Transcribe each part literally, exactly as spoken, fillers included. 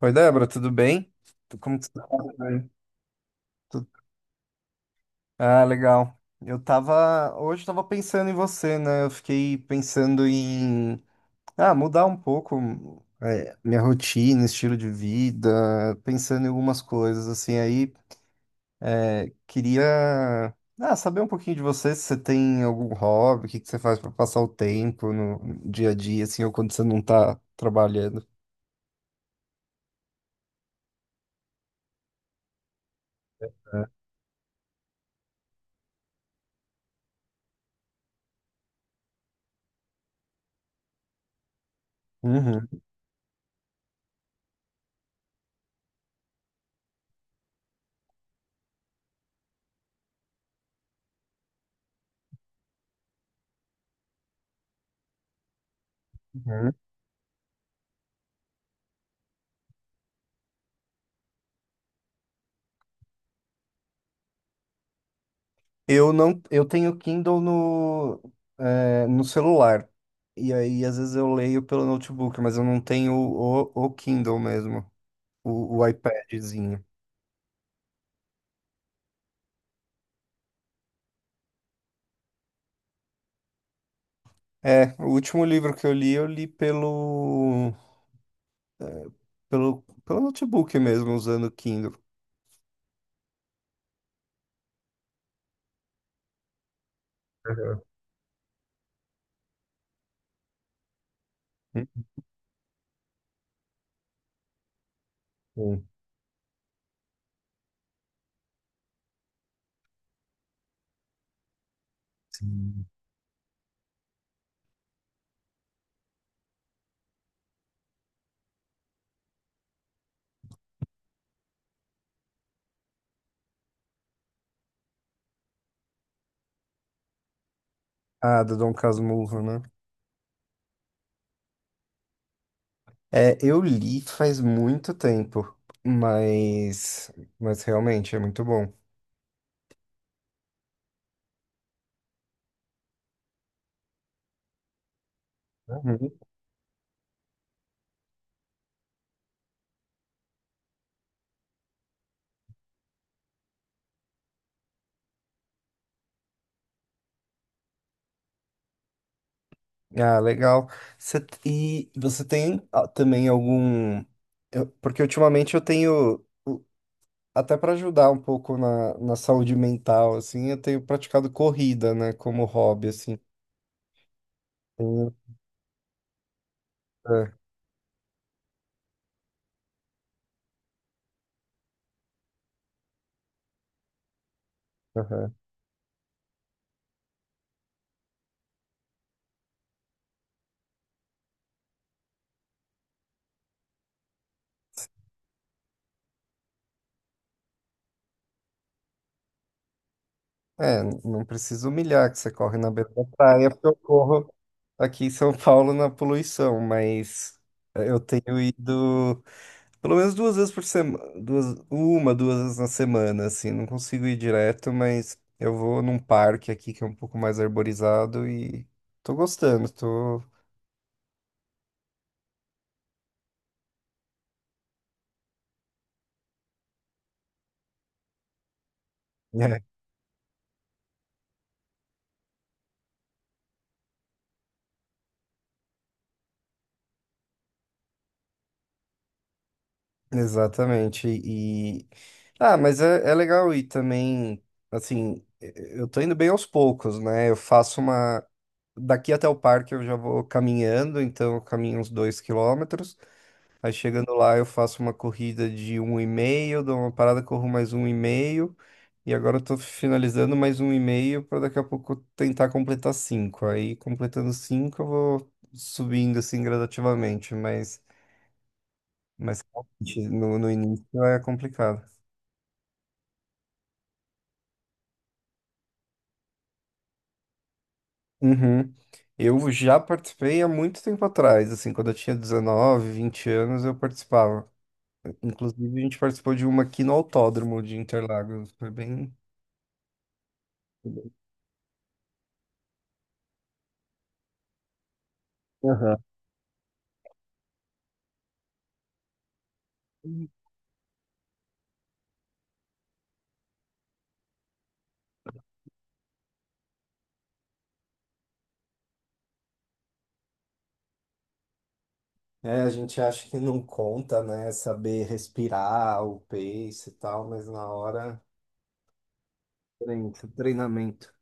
Oi, Débora, tudo bem? Tu- Como tu tá? Tudo bem. Tu- Ah, legal. Eu tava, hoje eu tava pensando em você, né? Eu fiquei pensando em, ah, mudar um pouco, é, minha rotina, estilo de vida, pensando em algumas coisas, assim, aí é, queria, ah, saber um pouquinho de você, se você tem algum hobby, o que que você faz pra passar o tempo no dia a dia, assim, ou quando você não tá trabalhando. Uhum. Eu não, eu tenho Kindle no, eh, no celular. E aí, às vezes, eu leio pelo notebook, mas eu não tenho o, o Kindle mesmo, o, o iPadzinho. É, o último livro que eu li, eu li pelo, pelo, pelo notebook mesmo, usando o Kindle. Aham. Hum. Sim. Ah, do Dom Casmurro, né? É, eu li faz muito tempo, mas, mas realmente é muito bom. Ah, legal. Você t- e você tem, ah, também, algum. Eu- porque ultimamente eu tenho, o- até para ajudar um pouco na, na saúde mental, assim, eu tenho praticado corrida, né, como hobby, assim. Tenho- É, aham. É, n- não preciso humilhar que você corre na beira da praia, porque eu corro aqui em São Paulo na poluição, mas eu tenho ido. Pelo menos duas vezes por semana, duas, uma, duas vezes na semana, assim. Não consigo ir direto, mas eu vou num parque aqui que é um pouco mais arborizado e tô gostando, tô. É, exatamente. E. Ah, mas é, é legal e também, assim, e- eu tô indo bem aos poucos, né? Eu faço uma. Daqui até o parque eu já vou caminhando, então eu caminho uns dois quilômetros. Aí chegando lá eu faço uma corrida de um e meio, dou uma parada, corro mais um e meio. E agora eu tô finalizando mais um e-mail para daqui a pouco tentar completar cinco. Aí, completando cinco, eu vou subindo assim gradativamente, mas, mas realmente, no, no início é complicado. Uhum. Eu já participei há muito tempo atrás, assim, quando eu tinha dezenove, vinte anos, eu participava. Inclusive, a gente participou de uma aqui no Autódromo de Interlagos. Foi bem. Aham. É, a gente acha que não conta, né? Saber respirar, o pace e tal, mas na hora. Treinamento. Treinamento.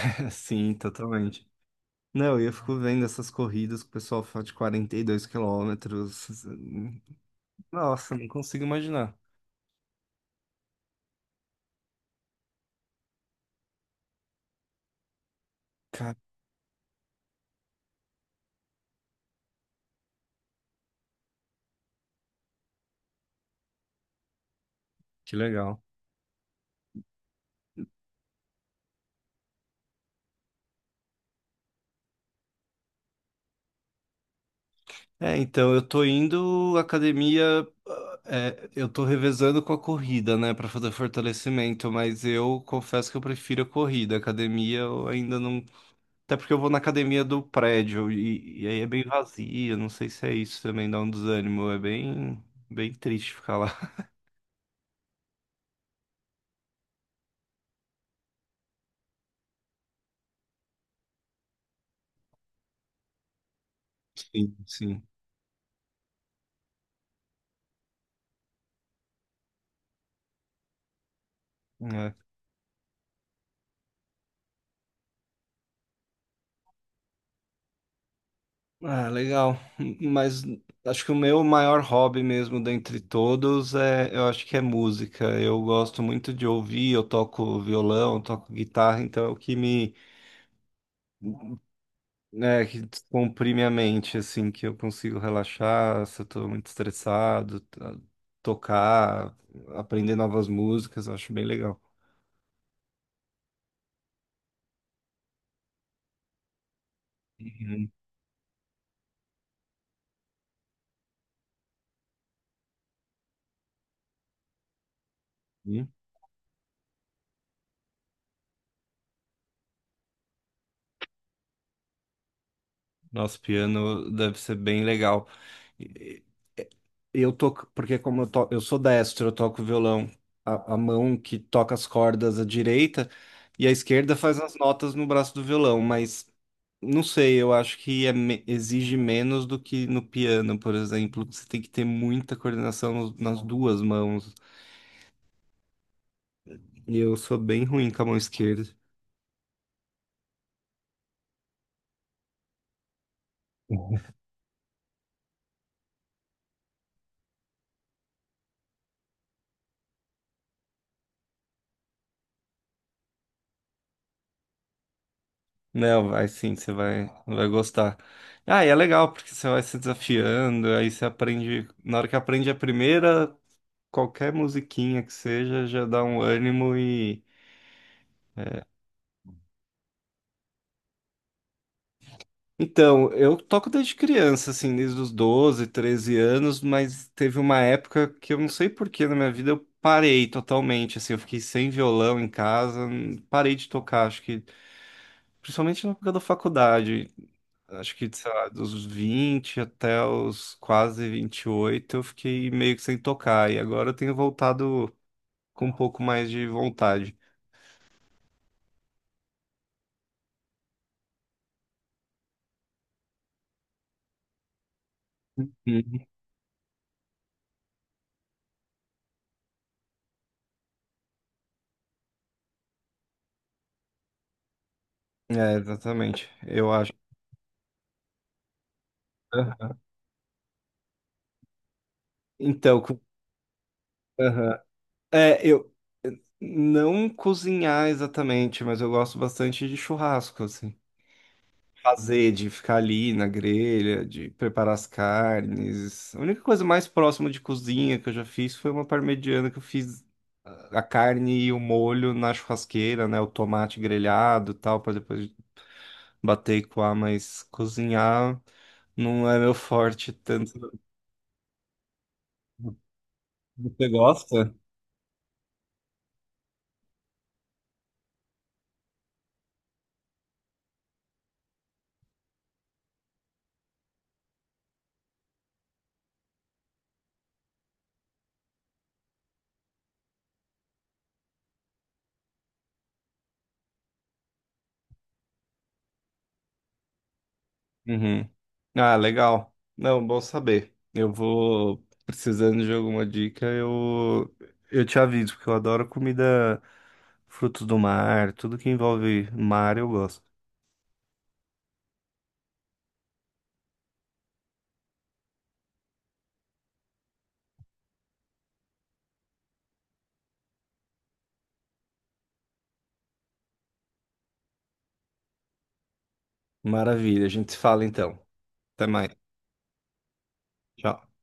Sim, totalmente. Não, e eu fico vendo essas corridas que o pessoal faz de quarenta e dois quilômetros. Nossa, não consigo imaginar. Cara, que legal. É, então eu tô indo à academia, é, eu tô revezando com a corrida, né, pra fazer fortalecimento, mas eu confesso que eu prefiro a corrida. A academia eu ainda não. Até porque eu vou na academia do prédio e, e aí é bem vazia, não sei se é isso também, dá um desânimo, é bem, bem triste ficar lá. Sim, sim. É. Ah, legal. Mas acho que o meu maior hobby mesmo dentre todos é, eu acho que é música. Eu gosto muito de ouvir, eu toco violão, eu toco guitarra, então é o que me, né, que descomprime a mente, assim, que eu consigo relaxar, se eu tô muito estressado, t- tocar, aprender novas músicas, eu acho bem legal. Uhum. Nosso piano deve ser bem legal. E- e- Eu toco, porque como eu, to, eu sou destro, eu toco violão, a, a mão que toca as cordas, a direita, e a esquerda faz as notas no braço do violão, mas não sei, eu acho que é me- exige menos do que no piano, por exemplo. Você tem que ter muita coordenação nos- nas duas mãos. E eu sou bem ruim com a mão esquerda. Não, vai sim, você vai, vai gostar. Ah, e é legal, porque você vai se desafiando, aí você aprende. Na hora que aprende a primeira, qualquer musiquinha que seja, já dá um ânimo e. Então, eu toco desde criança, assim, desde os doze treze anos, mas teve uma época que eu não sei por que na minha vida eu parei totalmente, assim, eu fiquei sem violão em casa, parei de tocar, acho que principalmente na época da faculdade. Acho que, sei lá, dos vinte até os quase vinte e oito eu fiquei meio que sem tocar. E agora eu tenho voltado com um pouco mais de vontade. Uhum. É, exatamente. Eu acho. Aham. Então, co- aham. É, eu não cozinhar exatamente, mas eu gosto bastante de churrasco, assim. Fazer, de ficar ali na grelha, de preparar as carnes. A única coisa mais próxima de cozinha que eu já fiz foi uma parmegiana que eu fiz a carne e o molho na churrasqueira, né? O tomate grelhado e tal, para depois bater e coar, mas cozinhar não é meu forte tanto. Você gosta? Uhum. Ah, legal. Não, bom saber. Eu vou precisando de alguma dica, eu eu te aviso, porque eu adoro comida, frutos do mar, tudo que envolve mar eu gosto. Maravilha, a gente se fala então. Até mais. Tchau.